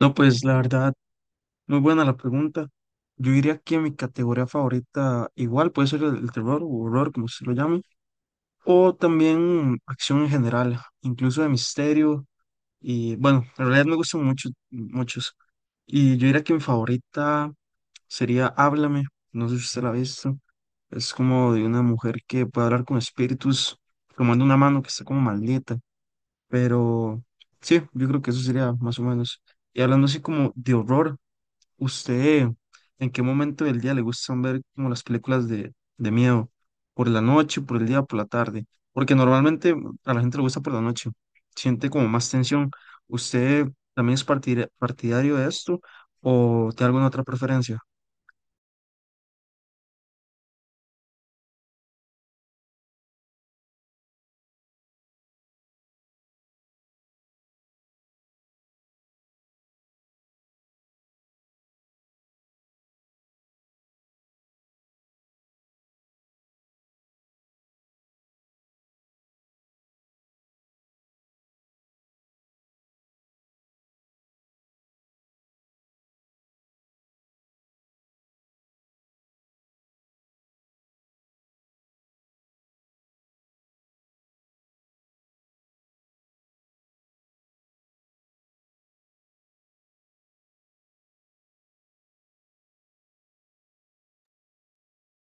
No, pues la verdad, muy buena la pregunta. Yo diría que mi categoría favorita igual puede ser el terror o horror, como se lo llame, o también acción en general, incluso de misterio. Y bueno, en realidad me gustan mucho, muchos. Y yo diría que mi favorita sería Háblame, no sé si usted la ha visto. Es como de una mujer que puede hablar con espíritus, tomando una mano que está como maldita. Pero sí, yo creo que eso sería más o menos. Y hablando así como de horror, ¿usted en qué momento del día le gustan ver como las películas de miedo? ¿Por la noche, por el día, por la tarde? Porque normalmente a la gente le gusta por la noche, siente como más tensión. ¿Usted también es partidario de esto o tiene alguna otra preferencia?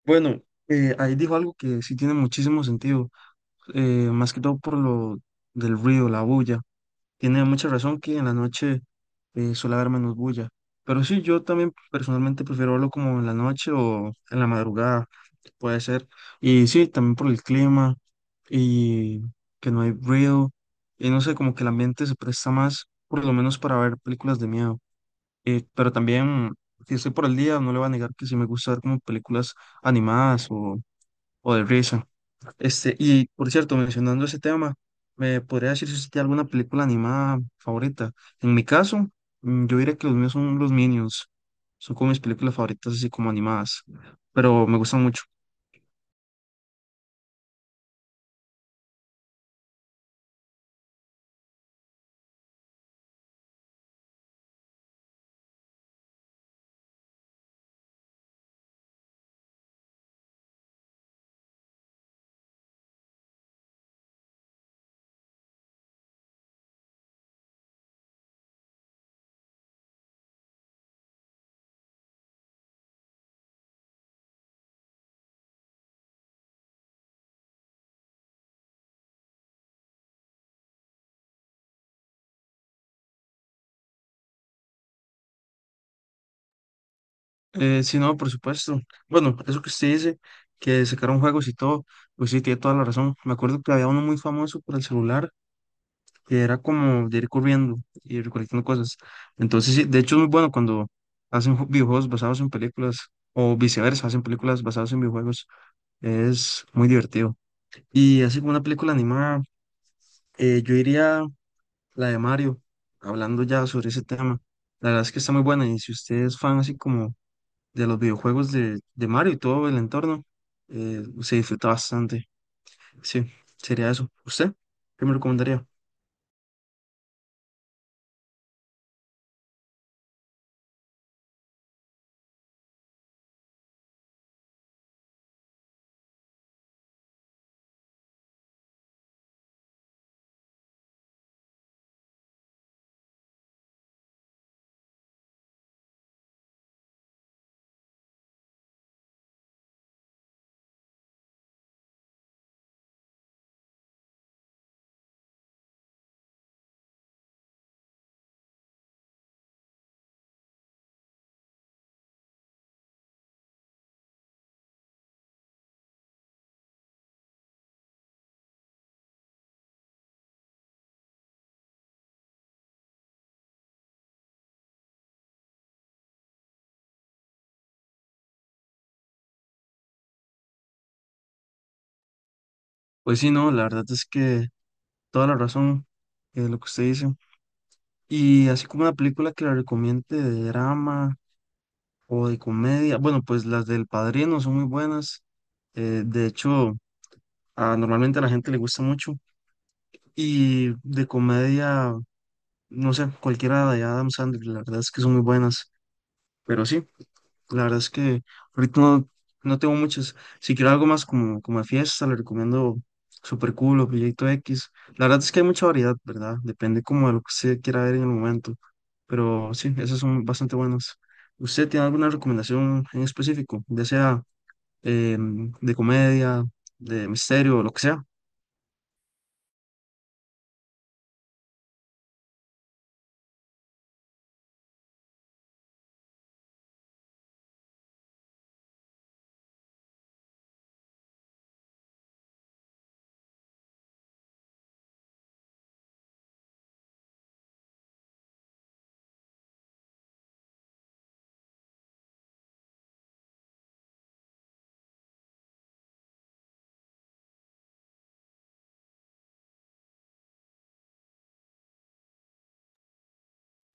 Bueno, ahí dijo algo que sí tiene muchísimo sentido, más que todo por lo del ruido, la bulla. Tiene mucha razón que en la noche suele haber menos bulla. Pero sí, yo también personalmente prefiero verlo como en la noche o en la madrugada, puede ser. Y sí, también por el clima y que no hay ruido. Y no sé, como que el ambiente se presta más, por lo menos para ver películas de miedo. Pero también, si estoy por el día, no le voy a negar que sí me gusta ver como películas animadas o de risa. Este, y por cierto, mencionando ese tema, ¿me podría decir si usted tiene alguna película animada favorita? En mi caso, yo diría que los míos son los Minions. Son como mis películas favoritas, así como animadas, pero me gustan mucho. Sí, no, por supuesto. Bueno, eso que usted dice, que sacaron juegos y todo, pues sí, tiene toda la razón. Me acuerdo que había uno muy famoso por el celular, que era como de ir corriendo y recolectando cosas. Entonces, sí, de hecho es muy bueno cuando hacen videojuegos basados en películas o viceversa, hacen películas basadas en videojuegos. Es muy divertido. Y así como una película animada, yo diría la de Mario, hablando ya sobre ese tema. La verdad es que está muy buena y si usted es fan así como de los videojuegos de Mario y todo el entorno, se disfruta bastante. Sí, sería eso. ¿Usted? ¿Qué me recomendaría? Pues sí, no, la verdad es que toda la razón de lo que usted dice. Y así como una película que la recomiende de drama o de comedia, bueno, pues las del Padrino son muy buenas. Eh, de hecho, normalmente a la gente le gusta mucho. Y de comedia, no sé, cualquiera de Adam Sandler, la verdad es que son muy buenas. Pero sí. La verdad es que ahorita no, no tengo muchas. Si quiero algo más como de fiesta, le recomiendo Super Cool o Proyecto X. La verdad es que hay mucha variedad, ¿verdad? Depende como de lo que usted quiera ver en el momento. Pero sí, esas son bastante buenas. ¿Usted tiene alguna recomendación en específico, ya sea de comedia, de misterio o lo que sea?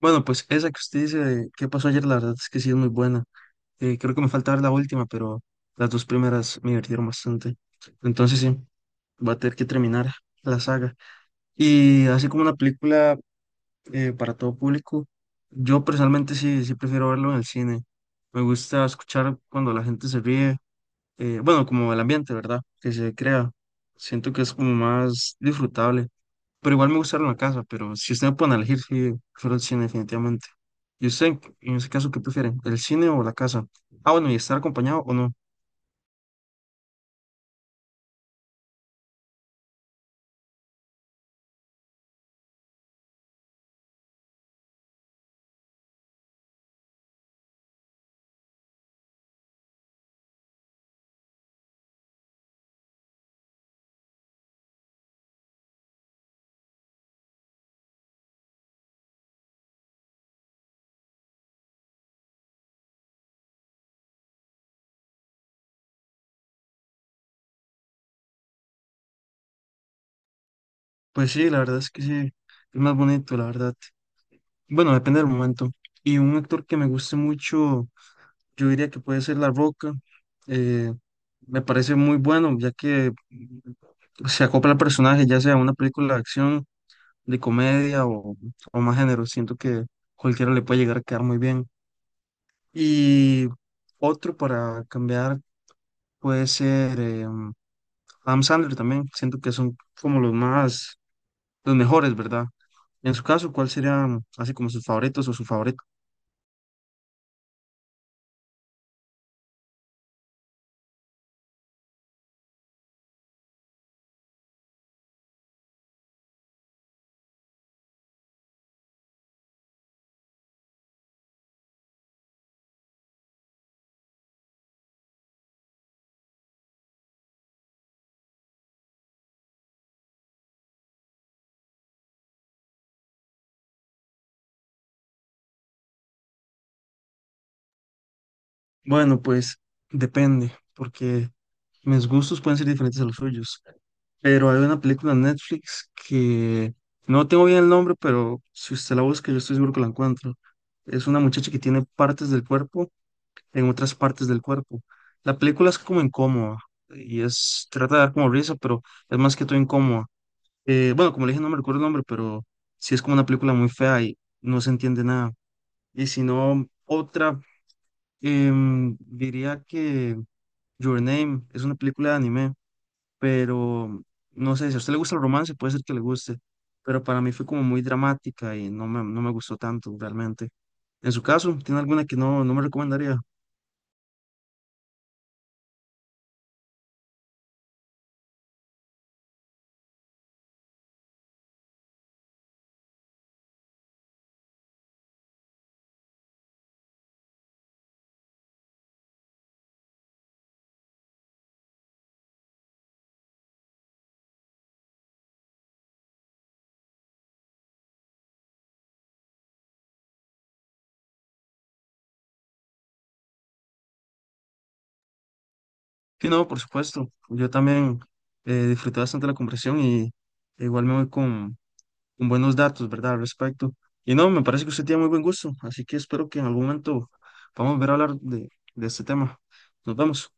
Bueno, pues esa que usted dice de qué pasó ayer, la verdad es que sí es muy buena. Creo que me falta ver la última, pero las dos primeras me divirtieron bastante. Entonces sí, va a tener que terminar la saga. Y así como una película para todo público, yo personalmente sí prefiero verlo en el cine. Me gusta escuchar cuando la gente se ríe. Bueno, como el ambiente, ¿verdad? Que se crea. Siento que es como más disfrutable. Pero igual me gusta verlo en la casa, pero si usted me pone a elegir, sí, prefiero el cine definitivamente. ¿Y usted, en ese caso, qué prefiere? ¿El cine o la casa? Ah, bueno, y estar acompañado o no. Pues sí, la verdad es que sí, es más bonito, la verdad. Bueno, depende del momento. Y un actor que me guste mucho, yo diría que puede ser La Roca. Eh, me parece muy bueno, ya que se acopla al personaje, ya sea una película de acción, de comedia o más género. Siento que cualquiera le puede llegar a quedar muy bien. Y otro para cambiar puede ser Adam Sandler también. Siento que son como los más, los mejores, ¿verdad? En su caso, ¿cuál serían así como sus favoritos o su favorito? Bueno, pues depende, porque mis gustos pueden ser diferentes a los suyos. Pero hay una película en Netflix que no tengo bien el nombre, pero si usted la busca, yo estoy seguro que la encuentro. Es una muchacha que tiene partes del cuerpo en otras partes del cuerpo. La película es como incómoda y es, trata de dar como risa, pero es más que todo incómoda. Bueno, como le dije, no me recuerdo el nombre, pero sí es como una película muy fea y no se entiende nada. Y si no, otra, diría que Your Name es una película de anime, pero no sé, si a usted le gusta el romance, puede ser que le guste, pero para mí fue como muy dramática y no no me gustó tanto realmente. En su caso, ¿tiene alguna que no me recomendaría? Sí, no, por supuesto. Yo también disfruté bastante la conversación y igual me voy con buenos datos, ¿verdad? Al respecto. Y no, me parece que usted tiene muy buen gusto, así que espero que en algún momento podamos ver a hablar de este tema. Nos vemos.